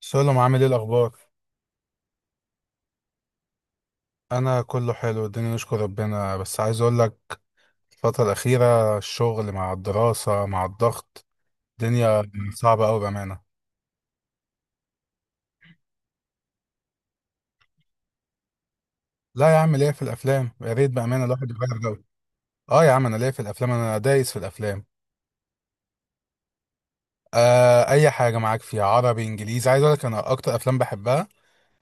سلام، عامل ايه الاخبار؟ انا كله حلو، الدنيا نشكر ربنا. بس عايز اقول لك، الفتره الاخيره الشغل مع الدراسه مع الضغط الدنيا صعبه قوي بامانه. لا يا عم، ليا في الافلام. يا ريت بامانه الواحد يغير جو. اه يا عم، انا ليا في الافلام، انا دايس في الافلام. اي حاجه، معاك فيها عربي انجليزي. عايز اقول لك انا اكتر افلام بحبها،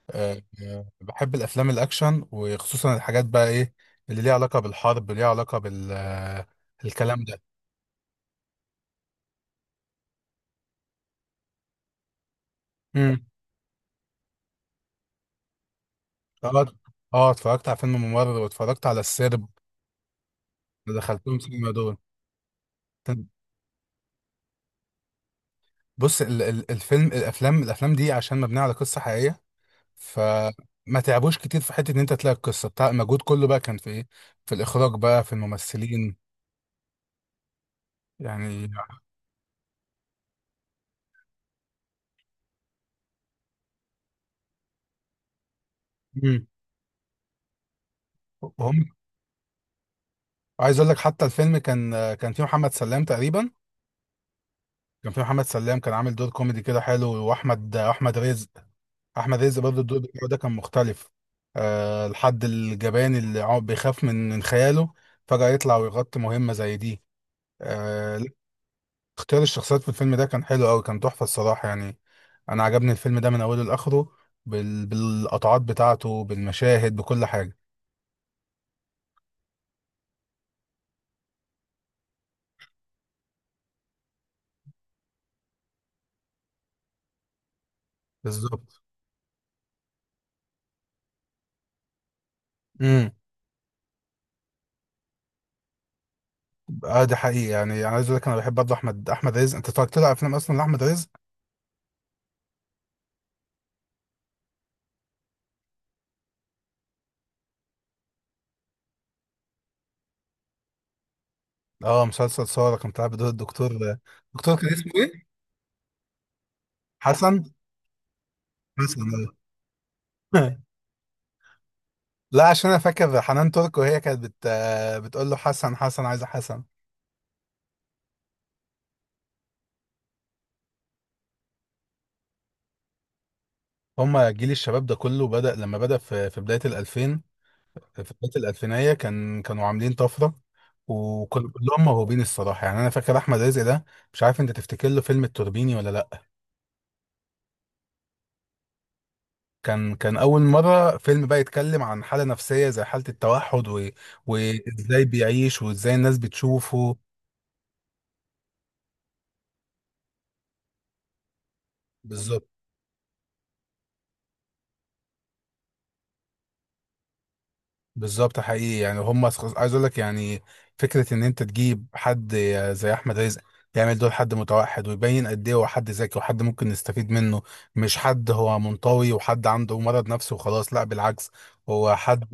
بحب الافلام الاكشن، وخصوصا الحاجات بقى ايه اللي ليها علاقه بالحرب، ليها علاقه بال الكلام ده. اه اه اتفرجت على فيلم ممر واتفرجت على السرب، اللي دخلتهم سينما دول. بص، ال ال الفيلم الافلام الافلام دي عشان مبنيه على قصه حقيقيه، فما تعبوش كتير في حته ان انت تلاقي القصه بتاع المجهود كله بقى كان في ايه، في الاخراج بقى في الممثلين يعني. مم. هم. عايز اقول لك حتى الفيلم كان فيه محمد سلام تقريبا، كان فيه محمد سلام، كان عامل دور كوميدي كده حلو. واحمد احمد رزق، احمد عز برضه الدور بتاعه ده كان مختلف. أه الحد الجبان اللي عم بيخاف من خياله فجأة يطلع ويغطي مهمة زي دي. أه لا، اختيار الشخصيات في الفيلم ده كان حلو قوي، كان تحفة الصراحة يعني. انا عجبني الفيلم ده من اوله لاخره، بالقطعات بتاعته بالمشاهد بكل حاجة. بالظبط. امم اه ده حقيقي يعني، انا عايز اقول لك انا بحب برضه احمد رزق. انت اتفرجت له على افلام اصلا لاحمد رزق؟ اه، مسلسل صورة كان طالع بدور الدكتور. دكتور كان اسمه ايه؟ حسن، حسن. آه. لا عشان انا فاكر حنان تركو هي كانت بتقول له حسن، حسن، عايزه حسن. هما جيل الشباب ده كله بدأ لما بدأ في بدايه الألفين. في بدايه الألفينية كانوا عاملين طفره. كلهم موهوبين الصراحه يعني. انا فاكر احمد رزق ده، مش عارف انت تفتكر له فيلم التوربيني ولا لا. كان اول مره فيلم بقى يتكلم عن حاله نفسيه زي حاله التوحد وازاي بيعيش وازاي الناس بتشوفه. بالظبط، بالظبط حقيقي يعني. هم عايز اقول لك يعني فكره ان انت تجيب حد زي احمد رزق يعمل دور حد متوحد، ويبين قد ايه هو حد ذكي وحد ممكن نستفيد منه. مش حد هو منطوي وحد عنده مرض نفسي وخلاص، لا بالعكس. هو حد،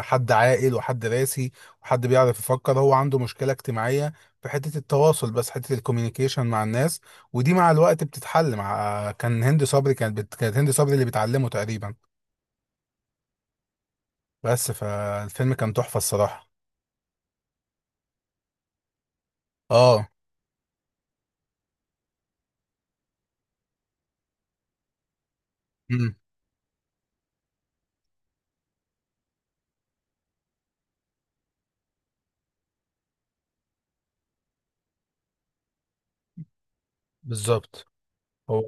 حد عاقل وحد راسي وحد بيعرف يفكر. هو عنده مشكله اجتماعيه في حته التواصل، بس حته الكوميونيكيشن مع الناس، ودي مع الوقت بتتحل. مع كان هند صبري كانت كانت هند صبري اللي بتعلمه تقريبا. بس فالفيلم كان تحفه الصراحه. اه. مم. بالظبط. هو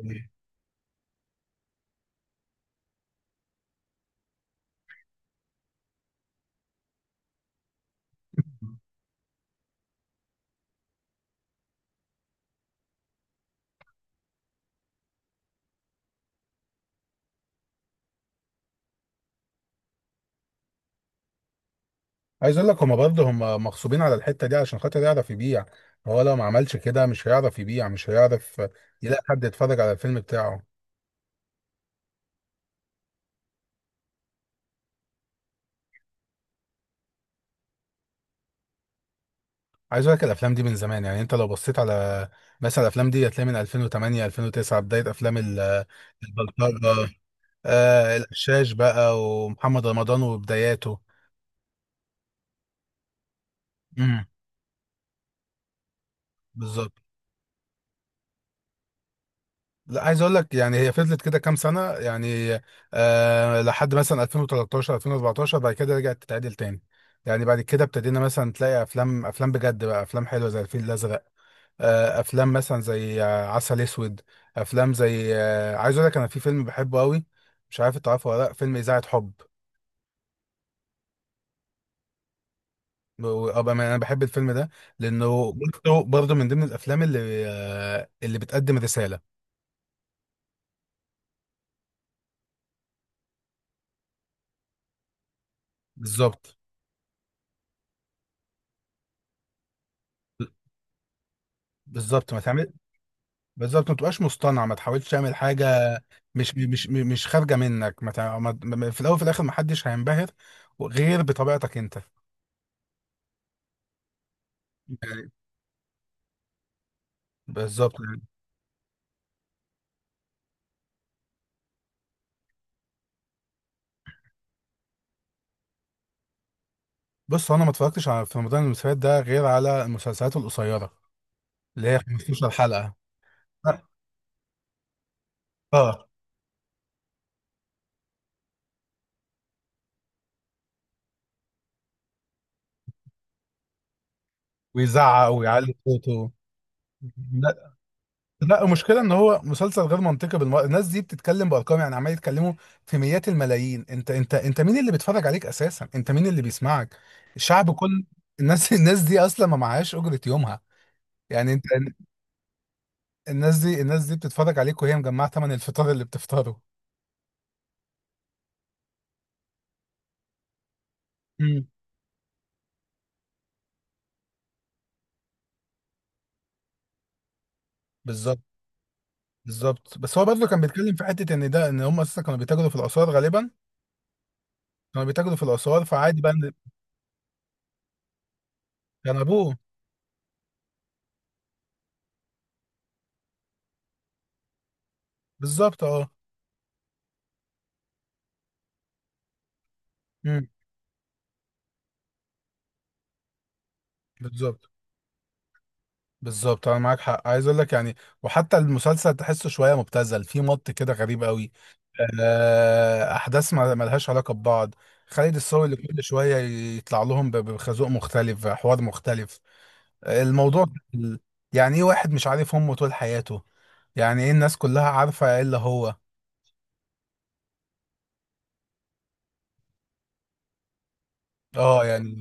عايز اقول لك، هما برضه هما مغصوبين على الحته دي علشان خاطر يعرف يبيع. هو لو ما عملش كده مش هيعرف يبيع، مش هيعرف يلاقي حد يتفرج على الفيلم بتاعه. عايز اقول لك الافلام دي من زمان يعني. انت لو بصيت على مثلا الافلام دي هتلاقي من 2008 2009 بدايه افلام البلطجه. آه الشاش بقى، ومحمد رمضان وبداياته. امم. بالظبط. لا عايز اقول لك يعني، هي فضلت كده كام سنه يعني لحد مثلا 2013 2014. بعد كده رجعت تتعدل تاني. يعني بعد كده ابتدينا مثلا تلاقي افلام، افلام بجد بقى، افلام حلوه زي الفيل الازرق، آه افلام مثلا زي عسل اسود، افلام زي عايز اقول لك انا في فيلم بحبه قوي، مش عارف انت عارفه ولا لا، فيلم اذاعه حب. انا بحب الفيلم ده، لانه برضه من ضمن الافلام اللي اللي بتقدم رساله. بالظبط. بالظبط ما بالظبط ما تبقاش مصطنع، ما تحاولش تعمل حاجه مش خارجه منك. ما تع- ما- ما- في الاول وفي الاخر ما حدش هينبهر غير بطبيعتك انت. يعني، بالظبط يعني. بص هو انا ما اتفرجتش على في رمضان المسلسلات ده غير على المسلسلات القصيره اللي هي 15 حلقه. اه، ويزعق ويعلي صوته. لا المشكله ان هو مسلسل غير منطقي بالمره. الناس دي بتتكلم بارقام، يعني عمال يتكلموا في مئات الملايين. انت انت انت مين اللي بيتفرج عليك اساسا؟ انت مين اللي بيسمعك؟ الشعب كل الناس. الناس دي اصلا ما معهاش اجره يومها يعني. انت الناس دي، الناس دي بتتفرج عليك وهي مجمعه ثمن الفطار اللي بتفطره. امم. بالظبط، بالظبط. بس هو برضه كان بيتكلم في حته ان ده، ان هم اساسا كانوا بيتاجروا في الاثار غالبا. كانوا بيتاجروا في الاثار، فعادي بقى ان كان ابوه. بالظبط اه. امم. بالظبط، بالظبط انا معاك حق. عايز اقول لك يعني، وحتى المسلسل تحسه شويه مبتذل، فيه مط كده غريب قوي. احداث ما لهاش علاقه ببعض. خالد الصاوي اللي كل شويه يطلع لهم بخازوق مختلف، حوار مختلف. الموضوع ال- يعني ايه واحد مش عارف امه طول حياته؟ يعني ايه الناس كلها عارفه الا هو؟ اه يعني،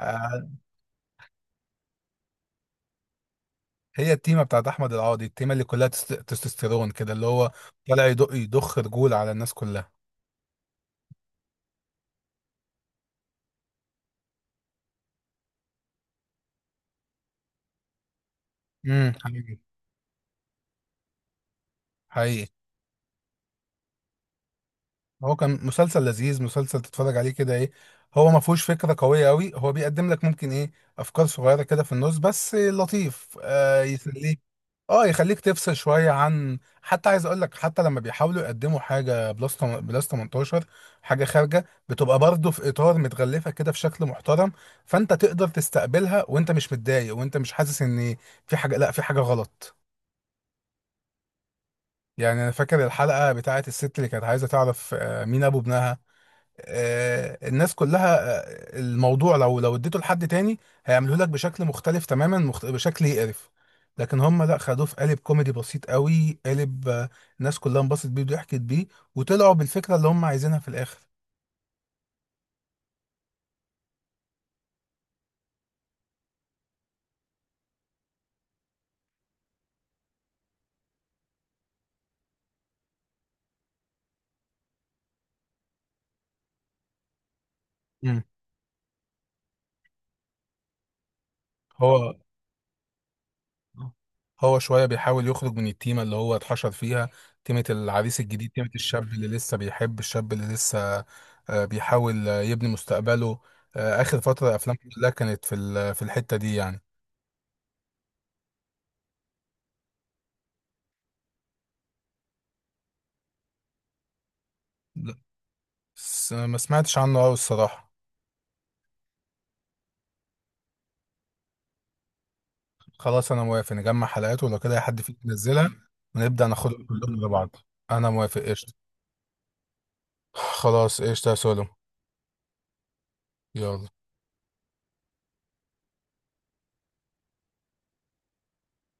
آه، هي التيمه بتاعت احمد العوضي، التيمه اللي كلها تستوستيرون كده، اللي هو طالع يدق يضخ رجول على الناس كلها. امم. حقيقي، حقيقي. هو كان مسلسل لذيذ، مسلسل تتفرج عليه كده ايه. هو ما فيهوش فكره قويه قوي، هو بيقدم لك ممكن ايه افكار صغيره كده في النص بس لطيف، يخليك. اه يخليك تفصل شويه عن. حتى عايز اقول لك حتى لما بيحاولوا يقدموا حاجه بلس بلس 18، حاجه خارجه، بتبقى برضه في اطار متغلفه كده في شكل محترم، فانت تقدر تستقبلها وانت مش متضايق وانت مش حاسس ان في حاجه، لا في حاجه غلط. يعني انا فاكر الحلقه بتاعت الست اللي كانت عايزه تعرف مين ابو ابنها. الناس كلها، الموضوع لو اديته لحد تاني هيعملوه لك بشكل مختلف تماما، بشكل يقرف. لكن هم لا، خدوه في قالب كوميدي بسيط قوي، قالب الناس كلها انبسطت بيه وضحكت بيه، وطلعوا بالفكره اللي هم عايزينها في الاخر. مم. هو، هو شويه بيحاول يخرج من التيمه اللي هو اتحشر فيها. تيمه العريس الجديد، تيمه الشاب اللي لسه بيحب، الشاب اللي لسه بيحاول يبني مستقبله. اخر فتره افلام كلها كانت في في الحته دي يعني. بس ما سمعتش عنه قوي الصراحة. خلاص انا موافق، نجمع حلقات ولو كده أي حد فيك ينزلها، ونبدأ ناخدهم كلهم لبعض. انا موافق قشطة. خلاص قشطة يا سولو. يلا.